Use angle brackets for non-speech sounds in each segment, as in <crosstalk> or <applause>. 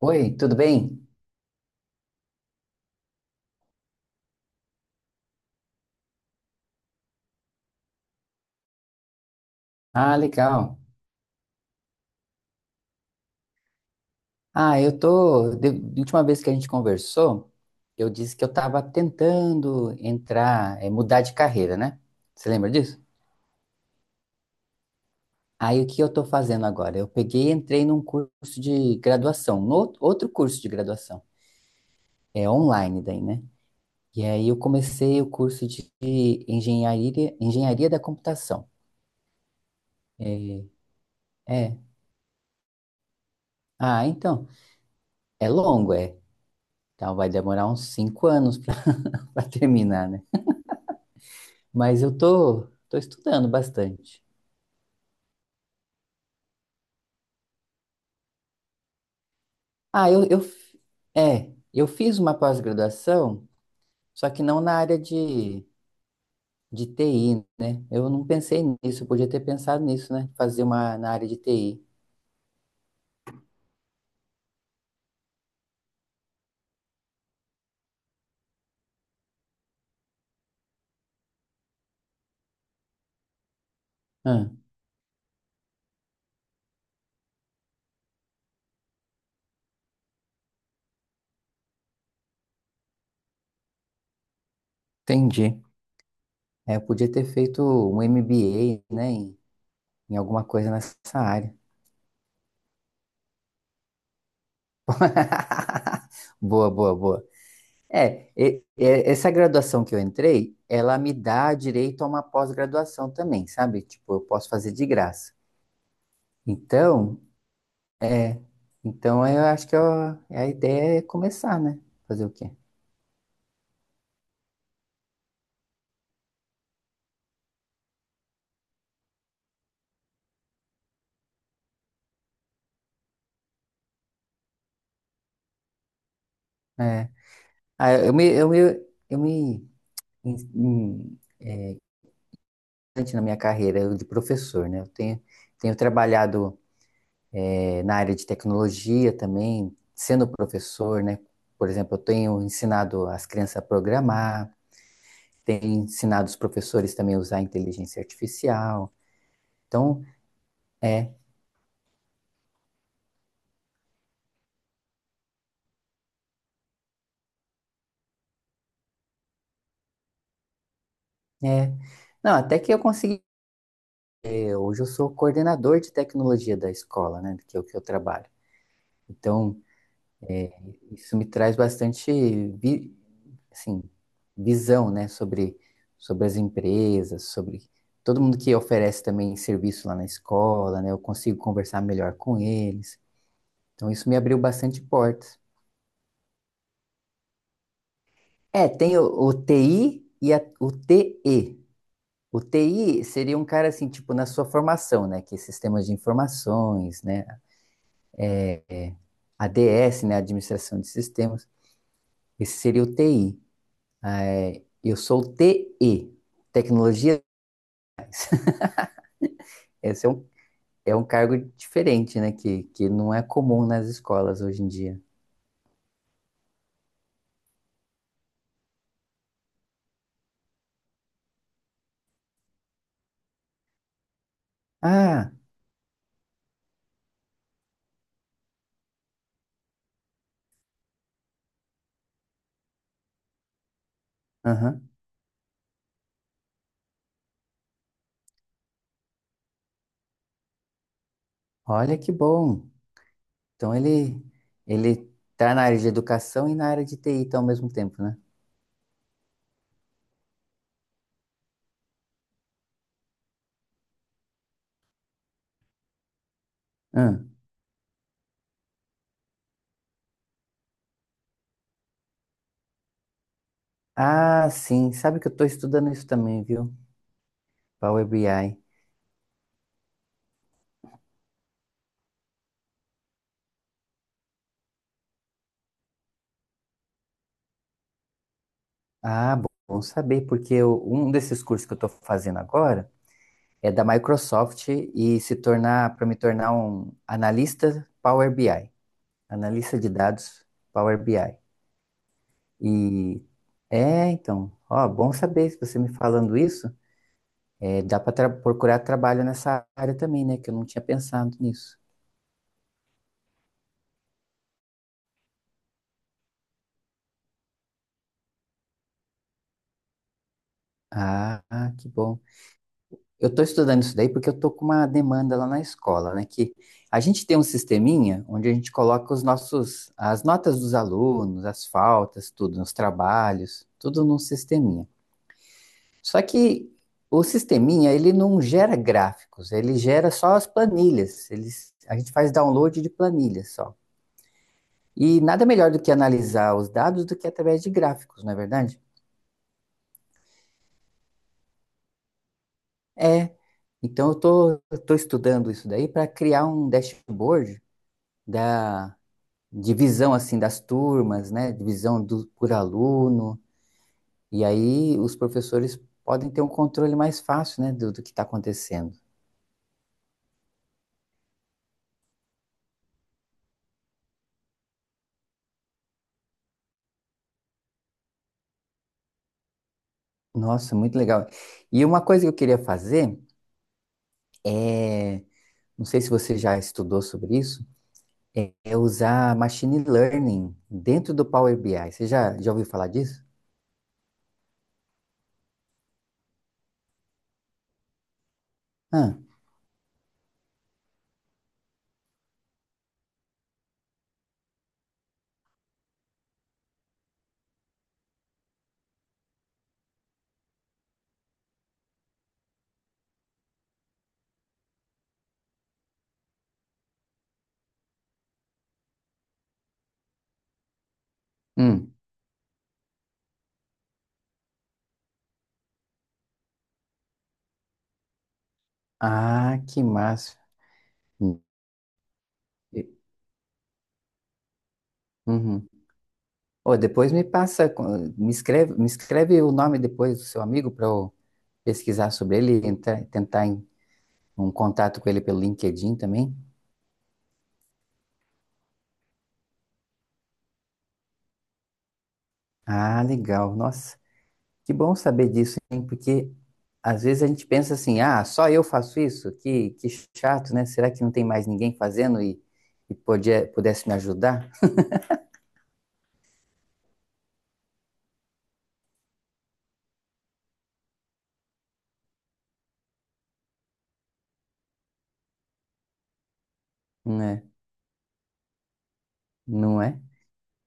Oi, tudo bem? Ah, legal. Ah, eu tô. De última vez que a gente conversou, eu disse que eu estava tentando entrar, mudar de carreira, né? Você lembra disso? Aí o que eu tô fazendo agora? Eu peguei e entrei num curso de graduação, no, outro curso de graduação. É online daí, né? E aí eu comecei o curso de engenharia da computação. É, é. Ah, então. É longo. Então vai demorar uns 5 anos <laughs> para terminar, né? Mas tô estudando bastante. Ah, eu, eu, eu fiz uma pós-graduação, só que não na área de TI, né? Eu não pensei nisso, eu podia ter pensado nisso, né? Fazer uma na área de TI. Ah, entendi. É, eu podia ter feito um MBA, né? Em alguma coisa nessa área. <laughs> Boa, boa, boa. Essa graduação que eu entrei, ela me dá direito a uma pós-graduação também, sabe? Tipo, eu posso fazer de graça. Então, é. Então eu acho que eu- a ideia é começar, né? Fazer o quê? É. Ah, eu me, eu me, eu me in- in- Antes na minha carreira de professor, né? Tenho trabalhado na área de tecnologia também, sendo professor, né? Por exemplo, eu tenho ensinado as crianças a programar, tenho ensinado os professores também a usar inteligência artificial. Então, é, é. Não, até que eu consegui. Hoje eu sou coordenador de tecnologia da escola, né, que é o que eu trabalho. Então, isso me traz bastante vi, assim, visão, né, sobre as empresas, sobre todo mundo que oferece também serviço lá na escola, né, eu consigo conversar melhor com eles. Então, isso me abriu bastante portas. É, tem o TI e o TE. O TI seria um cara assim, tipo, na sua formação, né, que é sistemas de informações, né, ADS, né, administração de sistemas. Esse seria o TI. É, eu sou o TE. Tecnologia, esse é é um cargo diferente, né? Que não é comum nas escolas hoje em dia. Ah, aham. Olha que bom. Então ele tá na área de educação e na área de TI tá ao mesmo tempo, né? Hum. Ah, sim. Sabe que eu tô estudando isso também, viu? Power BI. Ah, bom saber, porque um desses cursos que eu tô fazendo agora é da Microsoft e se tornar para me tornar um analista Power BI, analista de dados Power BI. E é, então, ó, bom saber se você me falando isso, é, dá para procurar trabalho nessa área também, né? Que eu não tinha pensado nisso. Ah, que bom. Eu estou estudando isso daí porque eu estou com uma demanda lá na escola, né? Que a gente tem um sisteminha onde a gente coloca as notas dos alunos, as faltas, tudo, os trabalhos, tudo num sisteminha. Só que o sisteminha, ele não gera gráficos, ele gera só as planilhas. A gente faz download de planilhas só. E nada melhor do que analisar os dados do que através de gráficos, não é verdade? É. Então eu tô estudando isso daí para criar um dashboard da divisão assim das turmas, né? Divisão do, por aluno. E aí os professores podem ter um controle mais fácil, né, do que está acontecendo. Nossa, muito legal. E uma coisa que eu queria fazer é, não sei se você já estudou sobre isso, é usar machine learning dentro do Power BI. Você já ouviu falar disso? Ah, hum. Ah, que massa. Hum. Uhum. Ô, depois me passa, me escreve o nome depois do seu amigo para eu pesquisar sobre ele e tentar um contato com ele pelo LinkedIn também. Ah, legal. Nossa. Que bom saber disso, hein? Porque às vezes a gente pensa assim, ah, só eu faço isso? Que chato, né? Será que não tem mais ninguém fazendo e pudesse me ajudar? Né? Não é?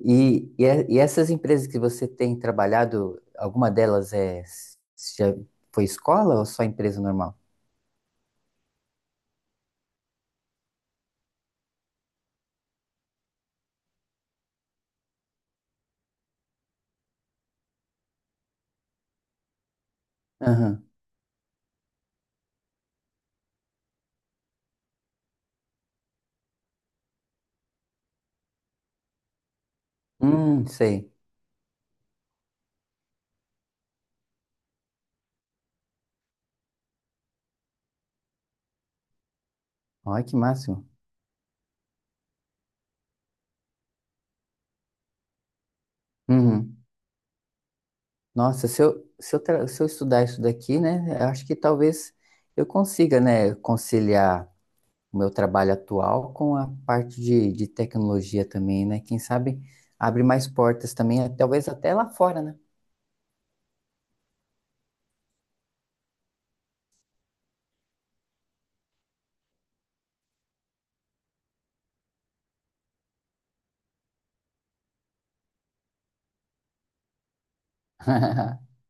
E essas empresas que você tem trabalhado, alguma delas é já foi escola ou só empresa normal? Aham. Sei. Olha que máximo. Uhum. Nossa, se eu estudar isso daqui, né? Eu acho que talvez eu consiga, né, conciliar o meu trabalho atual com a parte de tecnologia também, né? Quem sabe abre mais portas também, talvez até lá fora, né? <laughs>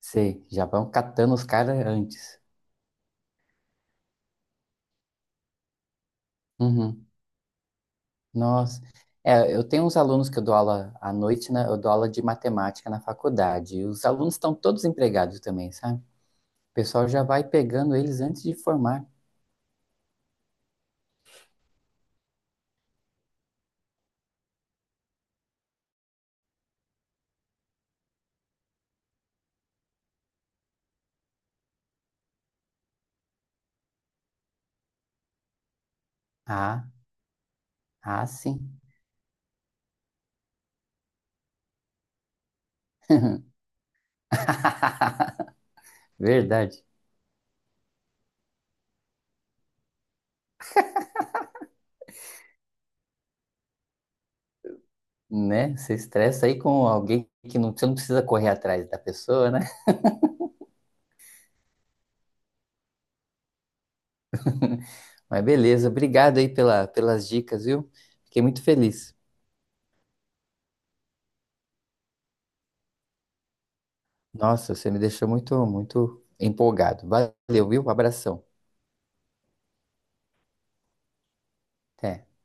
Sei, já vão catando os caras antes. Uhum. Nossa. É, eu tenho uns alunos que eu dou aula à noite, né? Eu dou aula de matemática na faculdade. E os alunos estão todos empregados também, sabe? O pessoal já vai pegando eles antes de formar. Ah, ah, sim. <laughs> Verdade. Né? Você estressa aí com alguém que não, você não precisa correr atrás da pessoa, né? <laughs> Mas beleza, obrigado aí pela, pelas dicas, viu? Fiquei muito feliz. Nossa, você me deixou muito, muito empolgado. Valeu, viu? Abração. Até.